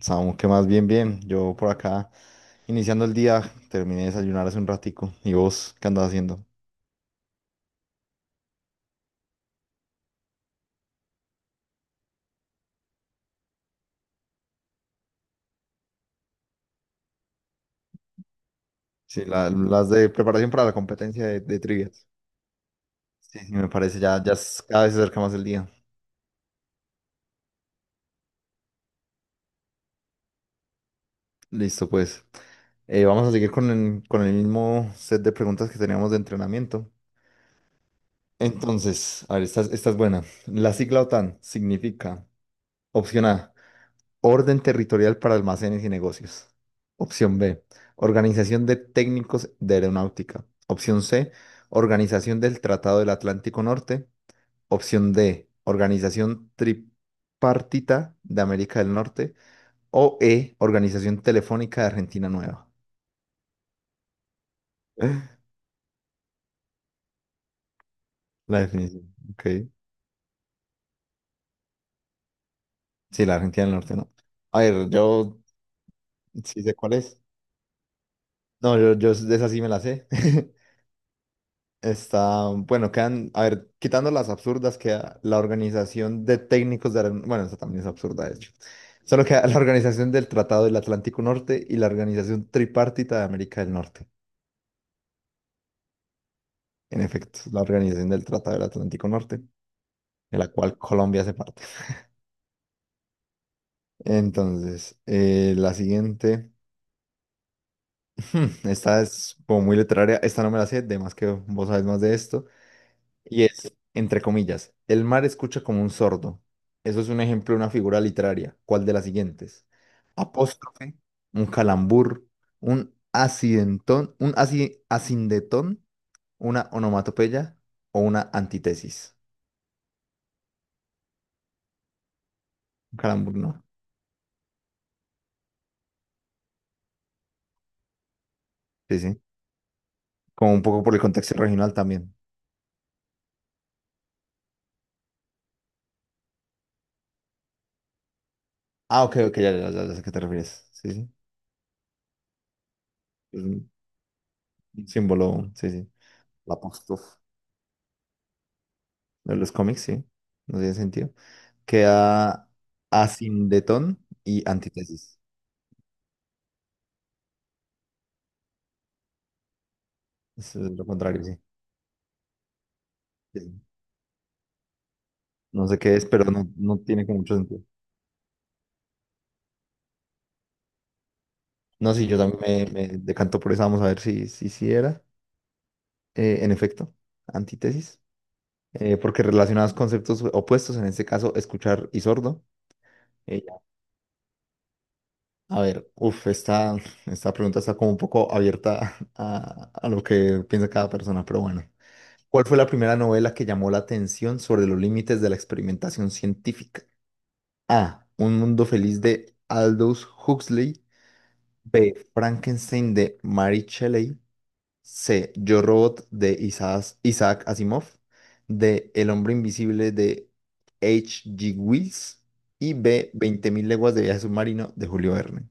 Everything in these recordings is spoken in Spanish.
Samu, que más bien, bien. Yo por acá, iniciando el día, terminé de desayunar hace un ratico. ¿Y vos qué andas haciendo? Sí, las de preparación para la competencia de trivias. Sí, sí, me parece, ya, ya cada vez se acerca más el día. Listo, pues. Vamos a seguir con el mismo set de preguntas que teníamos de entrenamiento. Entonces, a ver, esta es buena. La sigla OTAN significa, opción A, Orden territorial para almacenes y negocios. Opción B. Organización de técnicos de aeronáutica. Opción C. Organización del Tratado del Atlántico Norte. Opción D. Organización tripartita de América del Norte. O E. Organización telefónica de Argentina Nueva. La definición. Ok. Sí, la Argentina del Norte, ¿no? A ver, yo sí sé cuál es. No, yo, de esa sí me la sé. Está, bueno, quedan, a ver, quitando las absurdas, queda la organización de técnicos de, bueno, esa también es absurda, de hecho. Solo queda la organización del Tratado del Atlántico Norte y la organización tripartita de América del Norte. En efecto, la organización del Tratado del Atlántico Norte, de la cual Colombia hace parte. Entonces, la siguiente, esta es como muy literaria, esta no me la sé, de más que vos sabes más de esto. Y es, entre comillas, el mar escucha como un sordo. Eso es un ejemplo de una figura literaria. ¿Cuál de las siguientes? Apóstrofe, un calambur, un acidentón, un acindetón, una onomatopeya o una antítesis. Un calambur, ¿no? Sí, sí. Como un poco por el contexto regional también. Ah, ok, ok, ya, ya, ya, ya sé a qué te refieres. Sí, sí. Es un símbolo, sí, sí. El apóstrofe de los cómics, sí. No tiene sentido. Queda asindetón y antítesis. Eso es lo contrario, sí. Sí. No sé qué es, pero no, no tiene como mucho sentido. No, sí, yo también me decanto por esa. Vamos a ver si era. En efecto, antítesis. Porque relacionados conceptos opuestos, en este caso, escuchar y sordo. Eh, a ver, uff, esta pregunta está como un poco abierta a lo que piensa cada persona, pero bueno. ¿Cuál fue la primera novela que llamó la atención sobre los límites de la experimentación científica? A. Un mundo feliz de Aldous Huxley. B. Frankenstein de Mary Shelley. C. Yo Robot de Isaac Asimov. D. El hombre invisible de H.G. Wells. Y B. 20.000 leguas de viaje submarino de Julio Verne.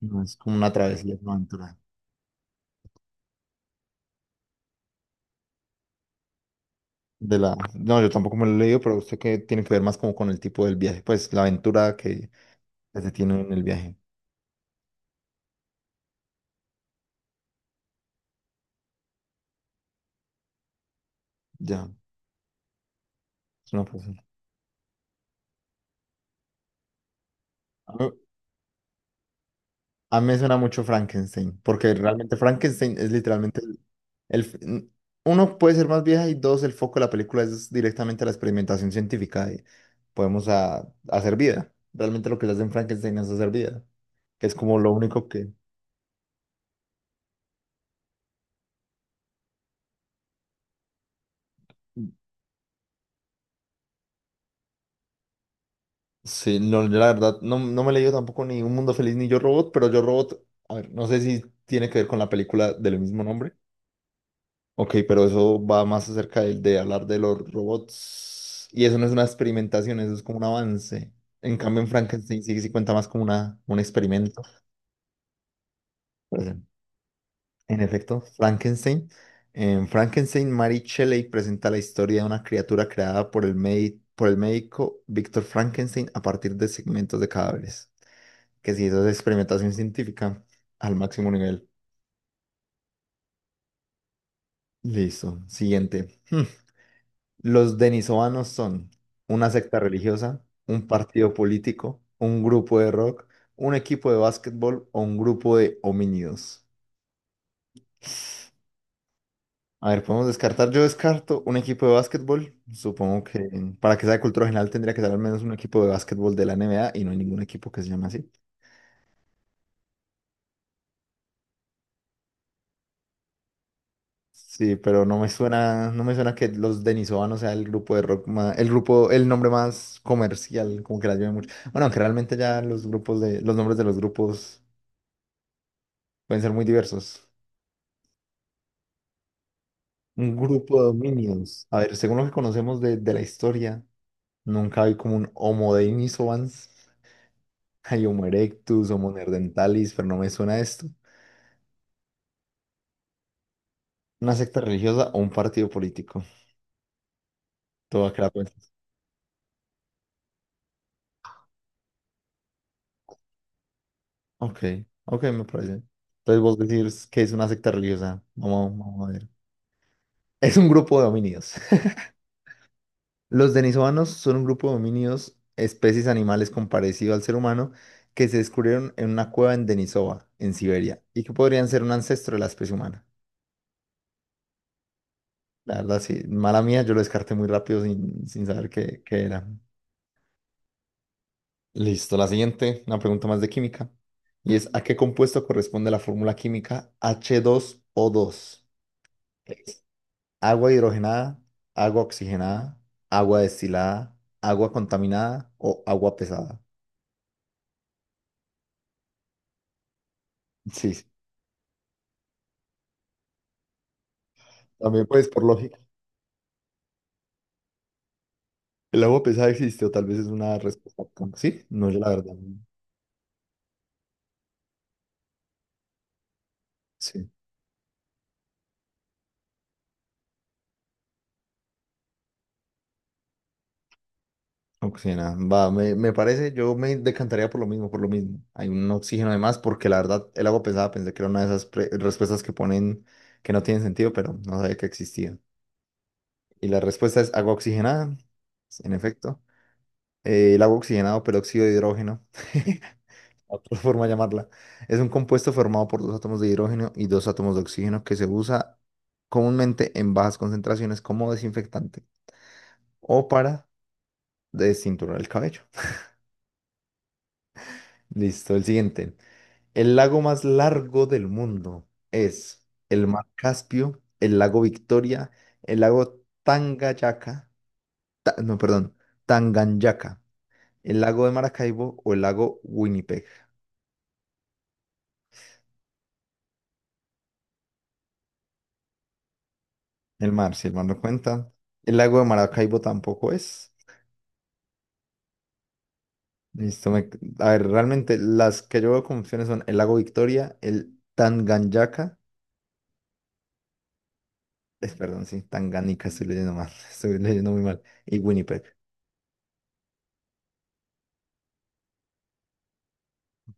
No, es como una travesía, es una aventura. No, yo tampoco me lo he leído, pero sé que tiene que ver más como con el tipo del viaje, pues la aventura que se tiene en el viaje. Ya, es una cosa. A mí me suena mucho Frankenstein, porque realmente Frankenstein es literalmente el- uno puede ser más vieja y dos, el foco de la película es directamente la experimentación científica y podemos hacer vida. Realmente lo que le hacen Frankenstein es hacer vida, que es como lo único que... Sí, no, yo la verdad no, no me he leído tampoco ni Un Mundo Feliz ni Yo Robot, pero Yo Robot, a ver, no sé si tiene que ver con la película del mismo nombre. Ok, pero eso va más acerca de, hablar de los robots. Y eso no es una experimentación, eso es como un avance. En cambio, en Frankenstein sí, sí cuenta más como una, un experimento. Pues, en efecto, Frankenstein. En Frankenstein, Mary Shelley presenta la historia de una criatura creada por el médico Víctor Frankenstein a partir de segmentos de cadáveres. Que sí, eso es experimentación científica al máximo nivel. Listo. Siguiente. Los denisovanos son una secta religiosa, un partido político, un grupo de rock, un equipo de básquetbol o un grupo de homínidos. A ver, podemos descartar. Yo descarto un equipo de básquetbol. Supongo que para que sea de cultura general tendría que ser al menos un equipo de básquetbol de la NBA y no hay ningún equipo que se llame así. Sí, pero no me suena, no me suena que los denisovanos sea el grupo de rock más, el grupo, el nombre más comercial, como que la lleve mucho. Bueno, aunque realmente ya los grupos los nombres de los grupos pueden ser muy diversos. Un grupo de dominios. A ver, según lo que conocemos de, la historia, nunca hay como un Homo denisovans. Hay Homo erectus, Homo neanderthalis, pero no me suena esto. Una secta religiosa o un partido político. Todo acá pues. Ok, ok, me parece. Entonces vos decís que es una secta religiosa. Vamos, vamos a ver. Es un grupo de dominios. Los denisovanos son un grupo de dominios, especies animales con parecido al ser humano, que se descubrieron en una cueva en Denisova, en Siberia, y que podrían ser un ancestro de la especie humana. La verdad, sí, mala mía, yo lo descarté muy rápido sin saber qué era. Listo, la siguiente, una pregunta más de química. Y es, ¿a qué compuesto corresponde la fórmula química h dos o dos? Es ¿agua hidrogenada, agua oxigenada, agua destilada, agua contaminada o agua pesada? Sí, sí, también pues por lógica. El agua pesada existe o tal vez es una respuesta. ¿Sí? No, yo la verdad, no. Sí. Oxigena, va, me parece, yo me decantaría por lo mismo, por lo mismo. Hay un oxígeno de más porque la verdad el agua pesada pensé que era una de esas respuestas que ponen que no tienen sentido, pero no sabía que existía. Y la respuesta es agua oxigenada, en efecto. El agua oxigenada o peróxido de hidrógeno, otra forma de llamarla, es un compuesto formado por dos átomos de hidrógeno y dos átomos de oxígeno que se usa comúnmente en bajas concentraciones como desinfectante o para desinturar el cabello. Listo, el siguiente. El lago más largo del mundo es el mar Caspio, el lago Victoria, el lago Tanganyika, no, perdón, Tanganyika, el lago de Maracaibo o el lago Winnipeg. El mar, si el mar no cuenta. El lago de Maracaibo tampoco es. Listo, a ver, realmente las que yo veo como opciones son el lago Victoria, el Tanganyika, es, perdón, sí, Tanganica, estoy leyendo mal, estoy leyendo muy mal, y Winnipeg,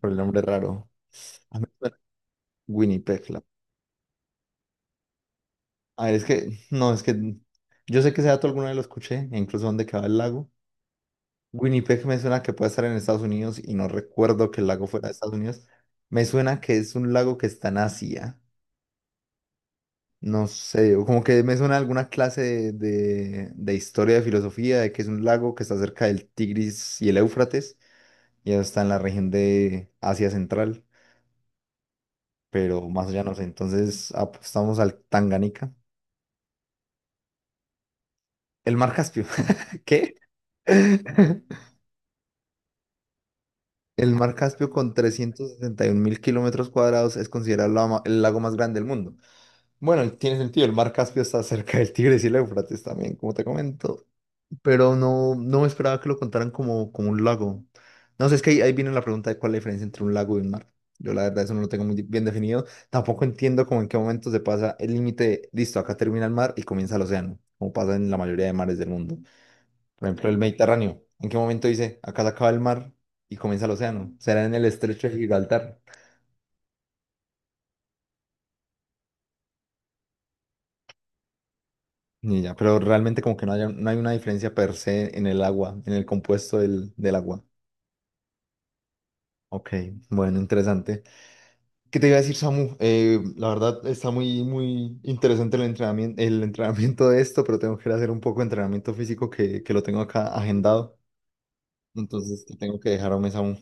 por el nombre raro. A mí me suena Winnipeg. A ver, es que, no, es que yo sé que ese dato alguna vez lo escuché, e incluso dónde queda el lago. Winnipeg me suena que puede estar en Estados Unidos y no recuerdo que el lago fuera de Estados Unidos. Me suena que es un lago que está en Asia. No sé, o como que me suena alguna clase de historia, de filosofía, de que es un lago que está cerca del Tigris y el Éufrates, y eso está en la región de Asia Central, pero más allá no sé. Entonces apostamos al Tanganica. El mar Caspio. ¿Qué? El mar Caspio con 371 mil kilómetros cuadrados es considerado el lago más grande del mundo. Bueno, tiene sentido, el mar Caspio está cerca del Tigris y el Éufrates también, como te comento, pero no, no me esperaba que lo contaran como un lago. No sé, es que ahí viene la pregunta de cuál es la diferencia entre un lago y un mar. Yo la verdad eso no lo tengo muy bien definido. Tampoco entiendo como en qué momento se pasa el límite, de, listo, acá termina el mar y comienza el océano, como pasa en la mayoría de mares del mundo. Por ejemplo, el Mediterráneo. ¿En qué momento dice, acá se acaba el mar y comienza el océano? ¿Será en el estrecho de Gibraltar? Ni idea, pero realmente como que no hay una diferencia per se en el agua, en el compuesto del agua. Ok, bueno, interesante. ¿Qué te iba a decir, Samu? La verdad está muy, muy interesante el entrenamiento de esto, pero tengo que ir a hacer un poco de entrenamiento físico que lo tengo acá agendado. Entonces te tengo que dejar, hombre, Samu.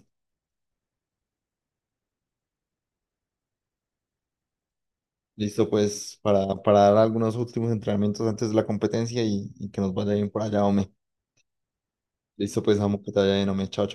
Listo, pues para dar algunos últimos entrenamientos antes de la competencia y que nos vaya bien por allá, hombre. Listo, pues amo que te vaya bien, hombre. Chao,